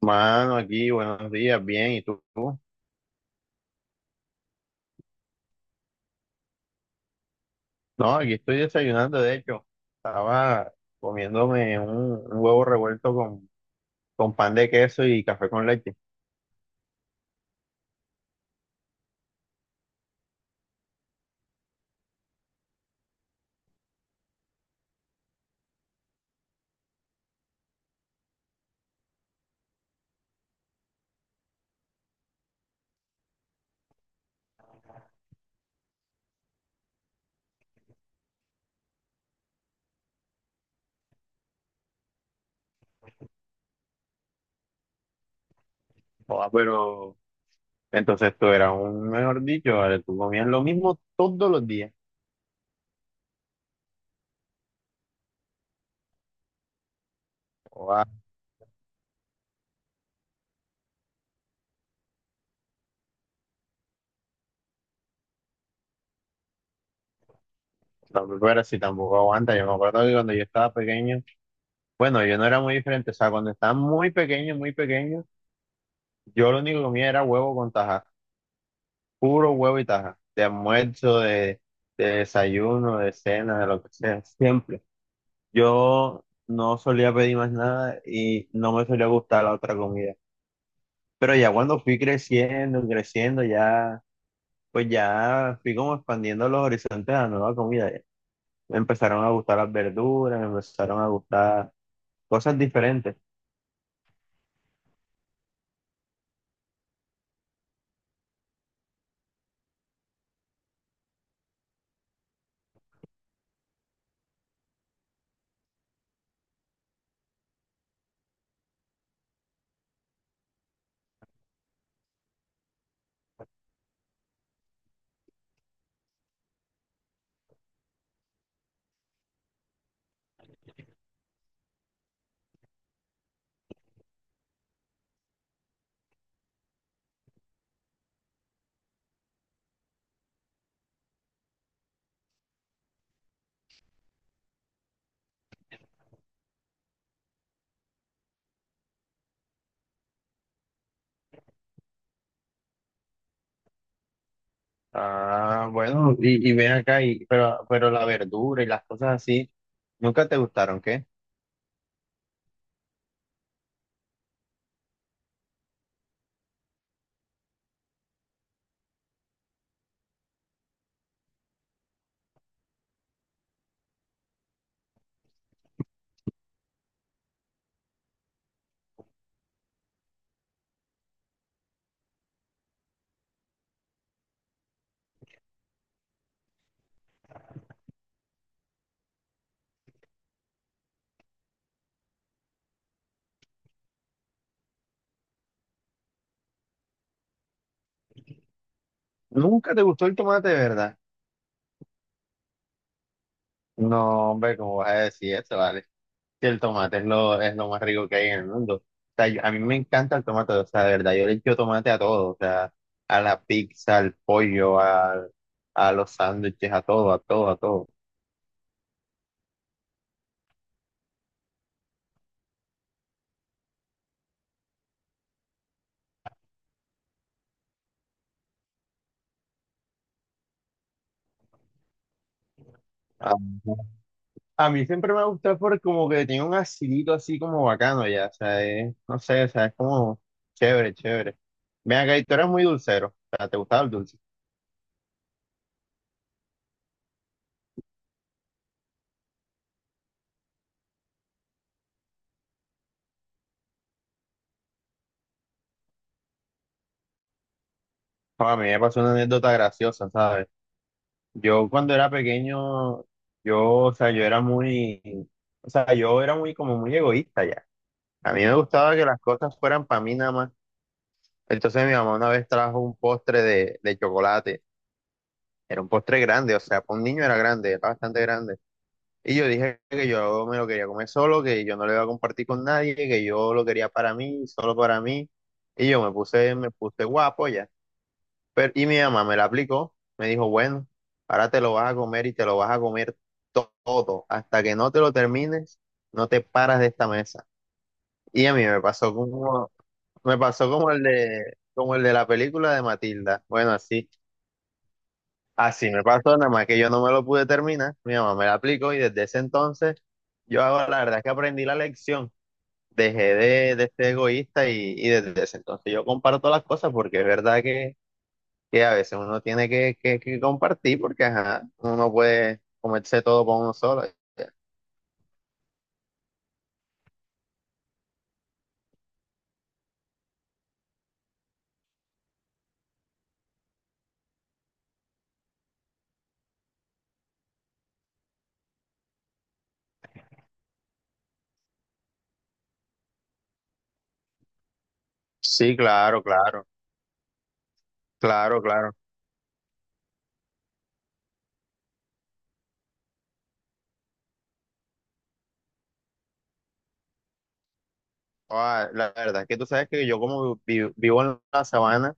Mano, aquí, buenos días, bien, ¿y tú? No, aquí estoy desayunando, de hecho, estaba comiéndome un huevo revuelto con pan de queso y café con leche. Joda, pero entonces tú eras un, mejor dicho, ¿vale? Tú comías lo mismo todos los días. Joda, no, pero si tampoco aguanta, yo me acuerdo que cuando yo estaba pequeño, bueno, yo no era muy diferente, o sea, cuando estaba muy pequeño, yo lo único que comía era huevo con tajadas. Puro huevo y taja, de almuerzo, de desayuno, de cena, de lo que sea, siempre. Yo no solía pedir más nada y no me solía gustar la otra comida. Pero ya cuando fui creciendo, creciendo, ya, pues ya fui como expandiendo los horizontes a la nueva comida. Ya, me empezaron a gustar las verduras, me empezaron a gustar cosas diferentes. Ah, bueno, y ven acá, y, pero la verdura y las cosas así, ¿nunca te gustaron, qué? Nunca te gustó el tomate, ¿verdad? No, hombre, ¿cómo vas a decir eso, vale? Que el tomate es lo más rico que hay en el mundo. O sea, yo- a mí me encanta el tomate, o sea, de verdad, yo le echo tomate a todo, o sea, a la pizza, al pollo, al- a, los sándwiches, a todo, a todo, a todo. A, a mí siempre me ha gustado porque como que tiene un acidito así como bacano ya, o sea, es- no sé, o sea, es como chévere, chévere. Ven acá, y tú eres muy dulcero, o sea, ¿te gustaba el dulce? No, a mí me pasó una anécdota graciosa, ¿sabes? Yo cuando era pequeño, yo, o sea, yo era muy, o sea, yo era muy como muy egoísta ya. A mí me gustaba que las cosas fueran para mí nada más. Entonces mi mamá una vez trajo un postre de chocolate. Era un postre grande, o sea, para un niño era grande, era bastante grande. Y yo dije que yo me lo quería comer solo, que yo no lo iba a compartir con nadie, que yo lo quería para mí, solo para mí. Y yo me puse guapo ya. Pero, y mi mamá me la aplicó, me dijo, bueno, ahora te lo vas a comer y te lo vas a comer todo. Hasta que no te lo termines, no te paras de esta mesa. Y a mí me pasó como como el de la película de Matilda. Bueno, así, así me pasó, nada más que yo no me lo pude terminar. Mi mamá me la aplicó y desde ese entonces yo hago, la verdad es que aprendí la lección. Dejé de ser egoísta y desde ese entonces yo comparto las cosas porque es verdad que a veces uno tiene que compartir porque ajá, uno no puede comerse todo por uno solo. Sí, claro, claro, claro, claro. Ah, la verdad es que tú sabes que yo como vi- vivo en la sabana,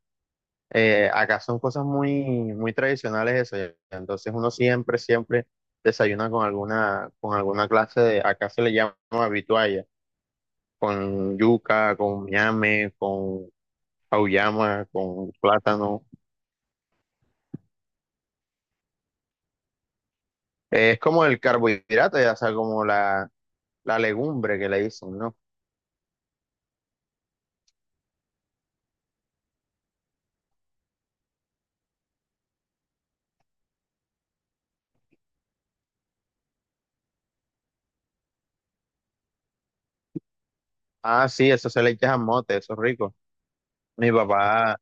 acá son cosas muy, muy tradicionales eso. Ya, entonces uno siempre, siempre desayuna con alguna clase de, acá se le llama vitualla, con yuca, con ñame, con auyama, con plátano. Es como el carbohidrato, ya, o sea, como la legumbre que le dicen, ¿no? Ah, sí, eso se le echa a mote, eso es rico. Mi papá,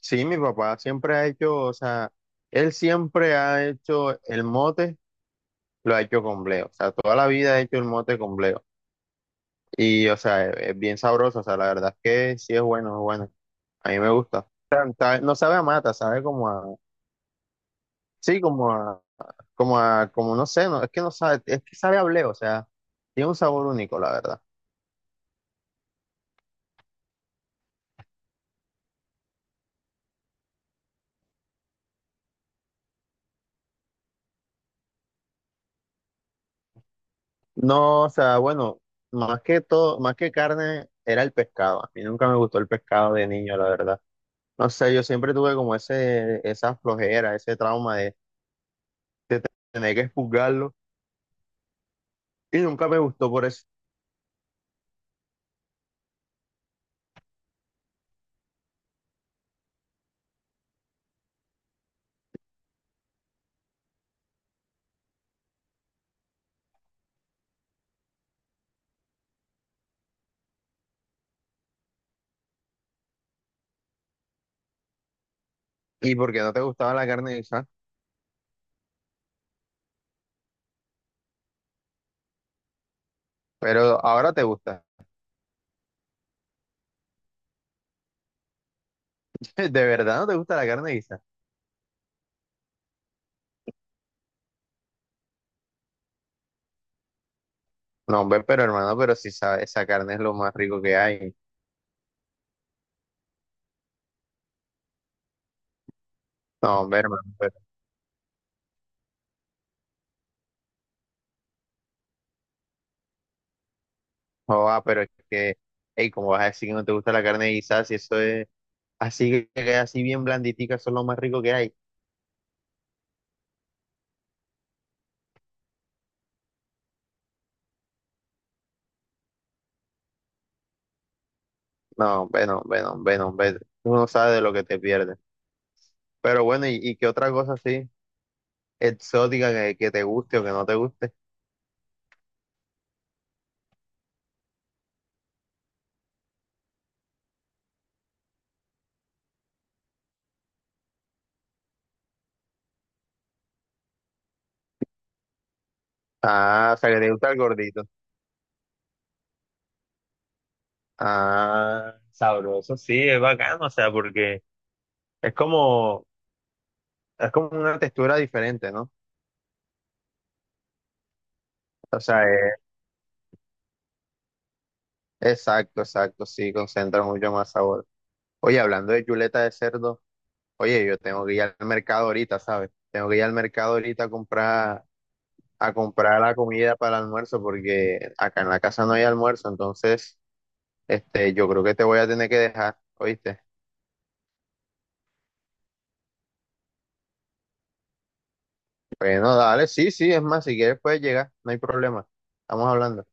sí, mi papá siempre ha hecho, o sea, él siempre ha hecho el mote, lo ha hecho con bleo. O sea, toda la vida ha hecho el mote con bleo. Y, o sea, es bien sabroso, o sea, la verdad es que sí es bueno, es bueno. A mí me gusta. O sea, sabe- no sabe a mata, sabe como a, sí, como a, como a, como no sé, no, es que no sabe, es que sabe a bleo, o sea, tiene un sabor único, la verdad. No, o sea, bueno, más que todo, más que carne, era el pescado. A mí nunca me gustó el pescado de niño, la verdad. No sé, yo siempre tuve como ese, esa flojera, ese trauma de tener que expurgarlo y nunca me gustó por eso. Y porque no te gustaba la carne guisa, pero ahora te gusta. ¿De verdad no te gusta la carne guisa? No, hombre, pero hermano, pero sí sabe. Esa carne es lo más rico que hay. No, hombre, hermano, pero, joda, pero es que, hey, ¿cómo vas a decir que no te gusta la carne guisa si eso es? Así que así bien blanditicas son lo más rico que hay. No, bueno, bueno, bueno, vete. Tú no sabes de lo que te pierdes. Pero bueno, y qué otra cosa así exótica que te guste o que no te guste? Ah, o sea, que te gusta el gordito. Ah, sabroso, sí, es bacano, o sea, porque es como, es como una textura diferente, ¿no? O sea, exacto, exacto, sí, concentra mucho más sabor. Oye, hablando de chuleta de cerdo, oye, yo tengo que ir al mercado ahorita, ¿sabes? Tengo que ir al mercado ahorita a comprar la comida para el almuerzo porque acá en la casa no hay almuerzo, entonces este, yo creo que te voy a tener que dejar, ¿oíste? Bueno, dale, sí, sí, es más, si quieres puedes llegar, no hay problema. Estamos hablando.